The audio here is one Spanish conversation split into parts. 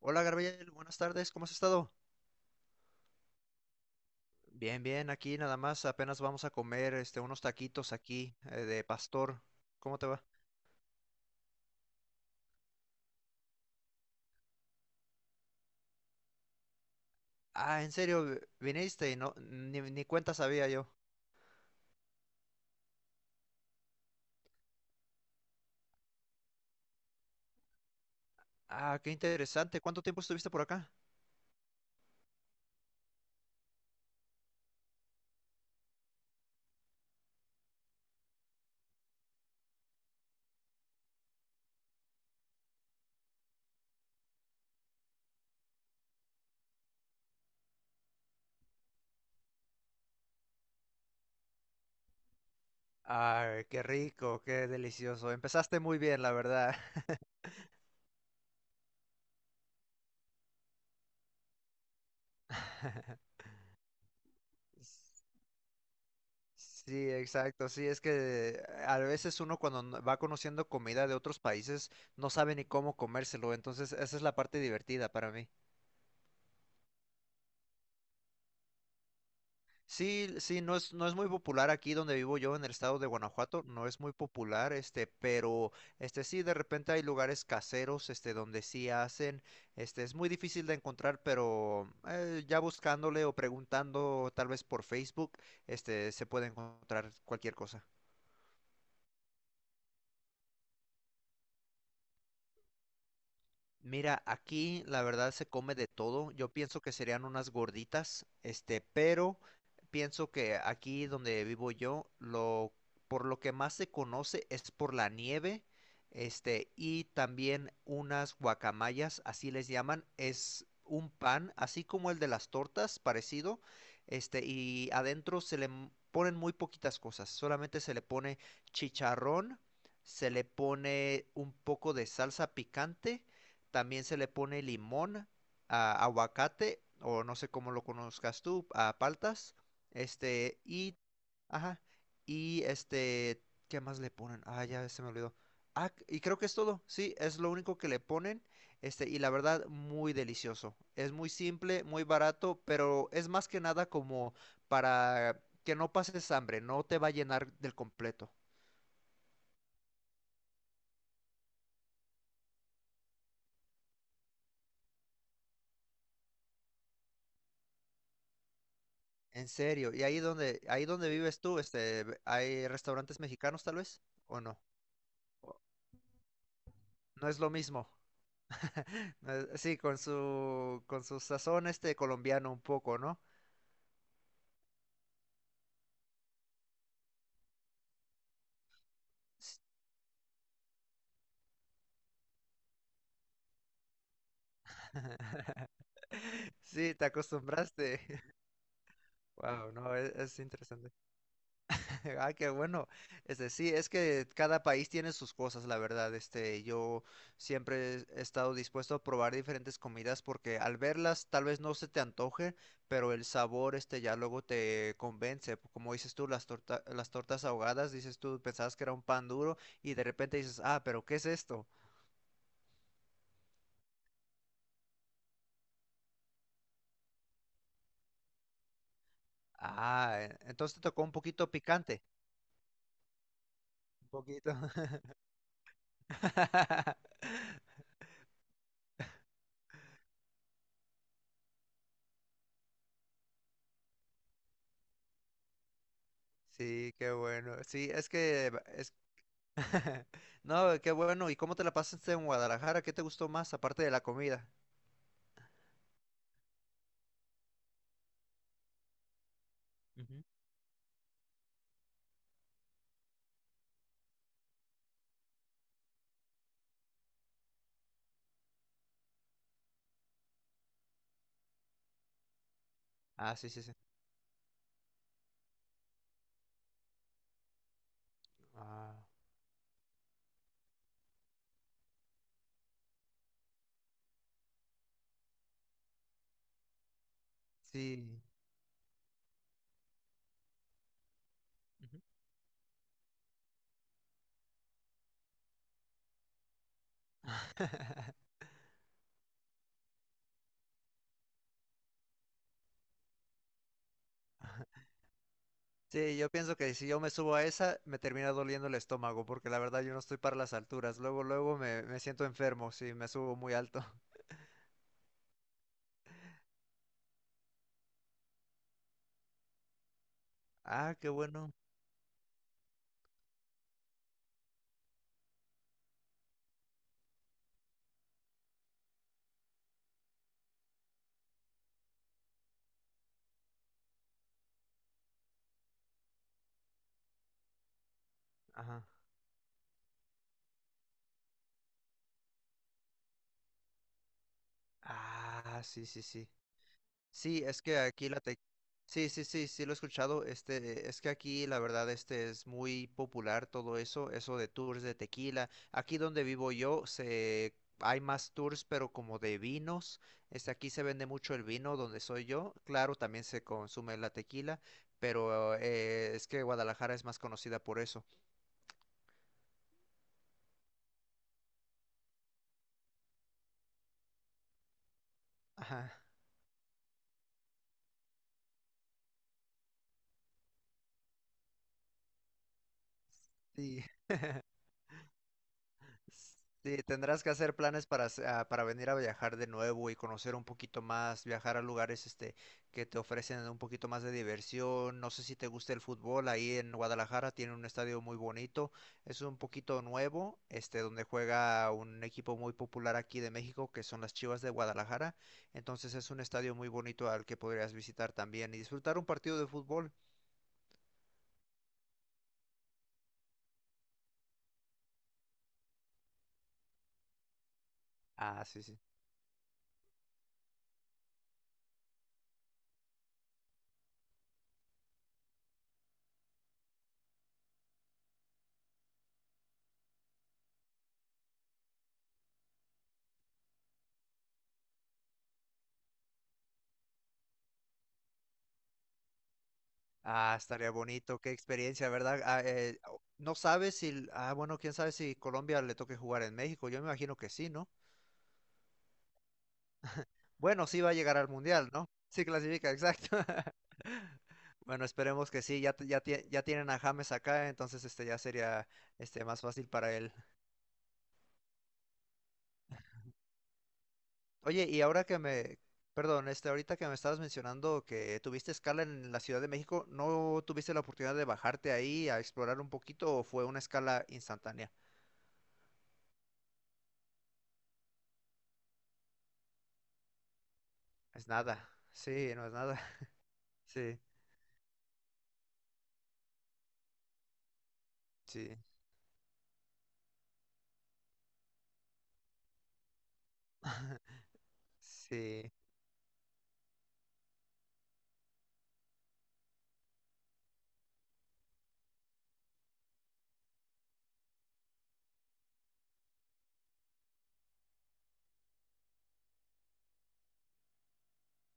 Hola Gabriel, buenas tardes, ¿cómo has estado? Bien, bien, aquí nada más, apenas vamos a comer unos taquitos aquí de pastor. ¿Cómo te va? Ah, en serio, viniste y no, ni cuenta sabía yo. Ah, qué interesante, ¿cuánto tiempo estuviste por acá? Ay, qué rico, qué delicioso. Empezaste muy bien, la verdad. Sí, exacto, sí, es que a veces uno cuando va conociendo comida de otros países no sabe ni cómo comérselo, entonces esa es la parte divertida para mí. Sí, sí, no es muy popular aquí donde vivo yo en el estado de Guanajuato, no es muy popular, pero, sí, de repente hay lugares caseros, donde sí hacen, es muy difícil de encontrar, pero ya buscándole o preguntando tal vez por Facebook, se puede encontrar cualquier cosa. Mira, aquí la verdad se come de todo. Yo pienso que serían unas gorditas, pero pienso que aquí donde vivo yo, lo por lo que más se conoce es por la nieve, y también unas guacamayas, así les llaman, es un pan, así como el de las tortas, parecido, y adentro se le ponen muy poquitas cosas, solamente se le pone chicharrón, se le pone un poco de salsa picante, también se le pone limón, a aguacate, o no sé cómo lo conozcas tú, a paltas. Este, y, ajá, y este, ¿qué más le ponen? Ah, ya se me olvidó. Ah, y creo que es todo. Sí, es lo único que le ponen. Y la verdad, muy delicioso. Es muy simple, muy barato, pero es más que nada como para que no pases hambre, no te va a llenar del completo. En serio, ¿y ahí donde, vives tú, hay restaurantes mexicanos tal vez? ¿O no? No es lo mismo. No es- Sí, con su sazón colombiano un poco, ¿no? Sí, te acostumbraste. Wow, no, es interesante. Ah, qué bueno. Sí, es que cada país tiene sus cosas, la verdad. Yo siempre he estado dispuesto a probar diferentes comidas porque al verlas tal vez no se te antoje, pero el sabor, ya luego te convence. Como dices tú, las tortas ahogadas, dices tú, pensabas que era un pan duro y de repente dices, ah, pero ¿qué es esto? Ah, entonces te tocó un poquito picante. Un poquito. Sí, qué bueno. Sí, es que es. No, qué bueno. ¿Y cómo te la pasaste en Guadalajara? ¿Qué te gustó más aparte de la comida? Ujú. Ah, sí, sí, sí. Ah, sí. Ujú. Sí, yo pienso que si yo me subo a esa, me termina doliendo el estómago, porque la verdad yo no estoy para las alturas. Luego, luego me siento enfermo si me subo muy alto. Ah, qué bueno. Ajá. Ah, sí, sí, sí. Sí, es que aquí la te. Sí, sí, sí, sí lo he escuchado. Es que aquí la verdad es muy popular todo eso de tours de tequila. Aquí donde vivo yo se hay más tours, pero como de vinos. Aquí se vende mucho el vino donde soy yo. Claro, también se consume la tequila, pero es que Guadalajara es más conocida por eso. Ajá. Sí. Sí, tendrás que hacer planes para, para venir a viajar de nuevo y conocer un poquito más, viajar a lugares, que te ofrecen un poquito más de diversión. No sé si te gusta el fútbol, ahí en Guadalajara tiene un estadio muy bonito, es un poquito nuevo, donde juega un equipo muy popular aquí de México, que son las Chivas de Guadalajara. Entonces es un estadio muy bonito al que podrías visitar también y disfrutar un partido de fútbol. Ah, sí, sí. Ah, estaría bonito, qué experiencia, ¿verdad? Ah, no sabes si, ah, bueno, quién sabe si Colombia le toque jugar en México. Yo me imagino que sí, ¿no? Bueno, sí va a llegar al Mundial, ¿no? Sí clasifica, exacto. Bueno, esperemos que sí, ya tienen a James acá, entonces ya sería más fácil para él. Oye, y ahora que perdón, ahorita que me estabas mencionando que tuviste escala en la Ciudad de México, ¿no tuviste la oportunidad de bajarte ahí a explorar un poquito o fue una escala instantánea? Es nada. Sí, no es nada. Sí, sí, sí.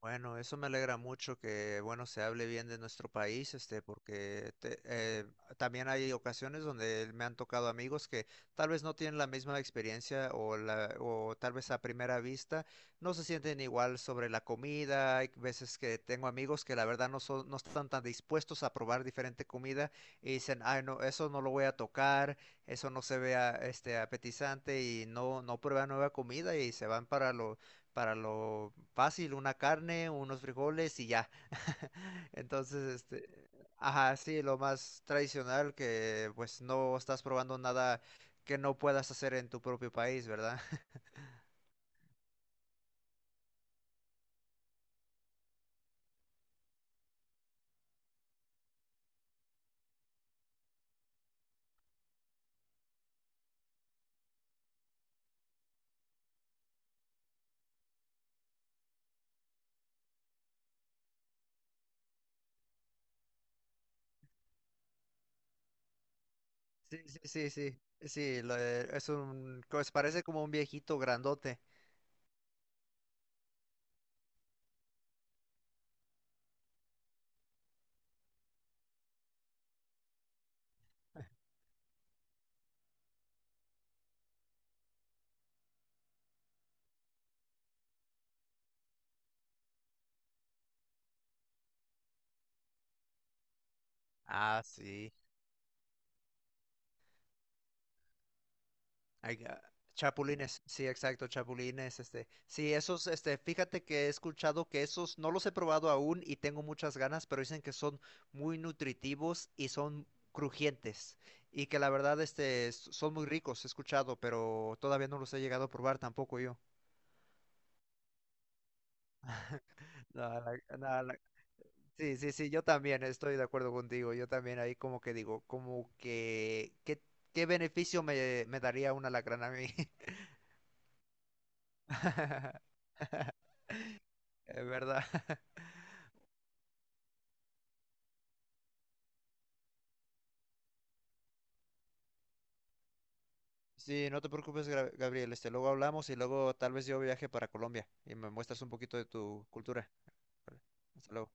Bueno, eso me alegra mucho que, bueno, se hable bien de nuestro país, porque también hay ocasiones donde me han tocado amigos que tal vez no tienen la misma experiencia, o tal vez a primera vista no se sienten igual sobre la comida. Hay veces que tengo amigos que la verdad no están tan dispuestos a probar diferente comida y dicen, ay, no, eso no lo voy a tocar, eso no se vea, apetizante y no prueban nueva comida y se van para lo fácil, una carne, unos frijoles y ya. Entonces, ajá, sí, lo más tradicional, que pues no estás probando nada que no puedas hacer en tu propio país, ¿verdad? Sí, sí, sí, sí. Sí, lo de- es un, pues parece como un viejito grandote. Ah, sí. Ay, ah, chapulines, sí, exacto, chapulines, sí, fíjate que he escuchado que esos no los he probado aún y tengo muchas ganas, pero dicen que son muy nutritivos y son crujientes, y que la verdad, son muy ricos, he escuchado, pero todavía no los he llegado a probar tampoco yo. No, sí, sí, sí, yo también estoy de acuerdo contigo, yo también ahí como que digo, como que, ¿qué beneficio me daría una lacrana a mí? Es verdad. Sí, no te preocupes, Gabriel. Luego hablamos y luego tal vez yo viaje para Colombia y me muestras un poquito de tu cultura. Vale. Hasta luego.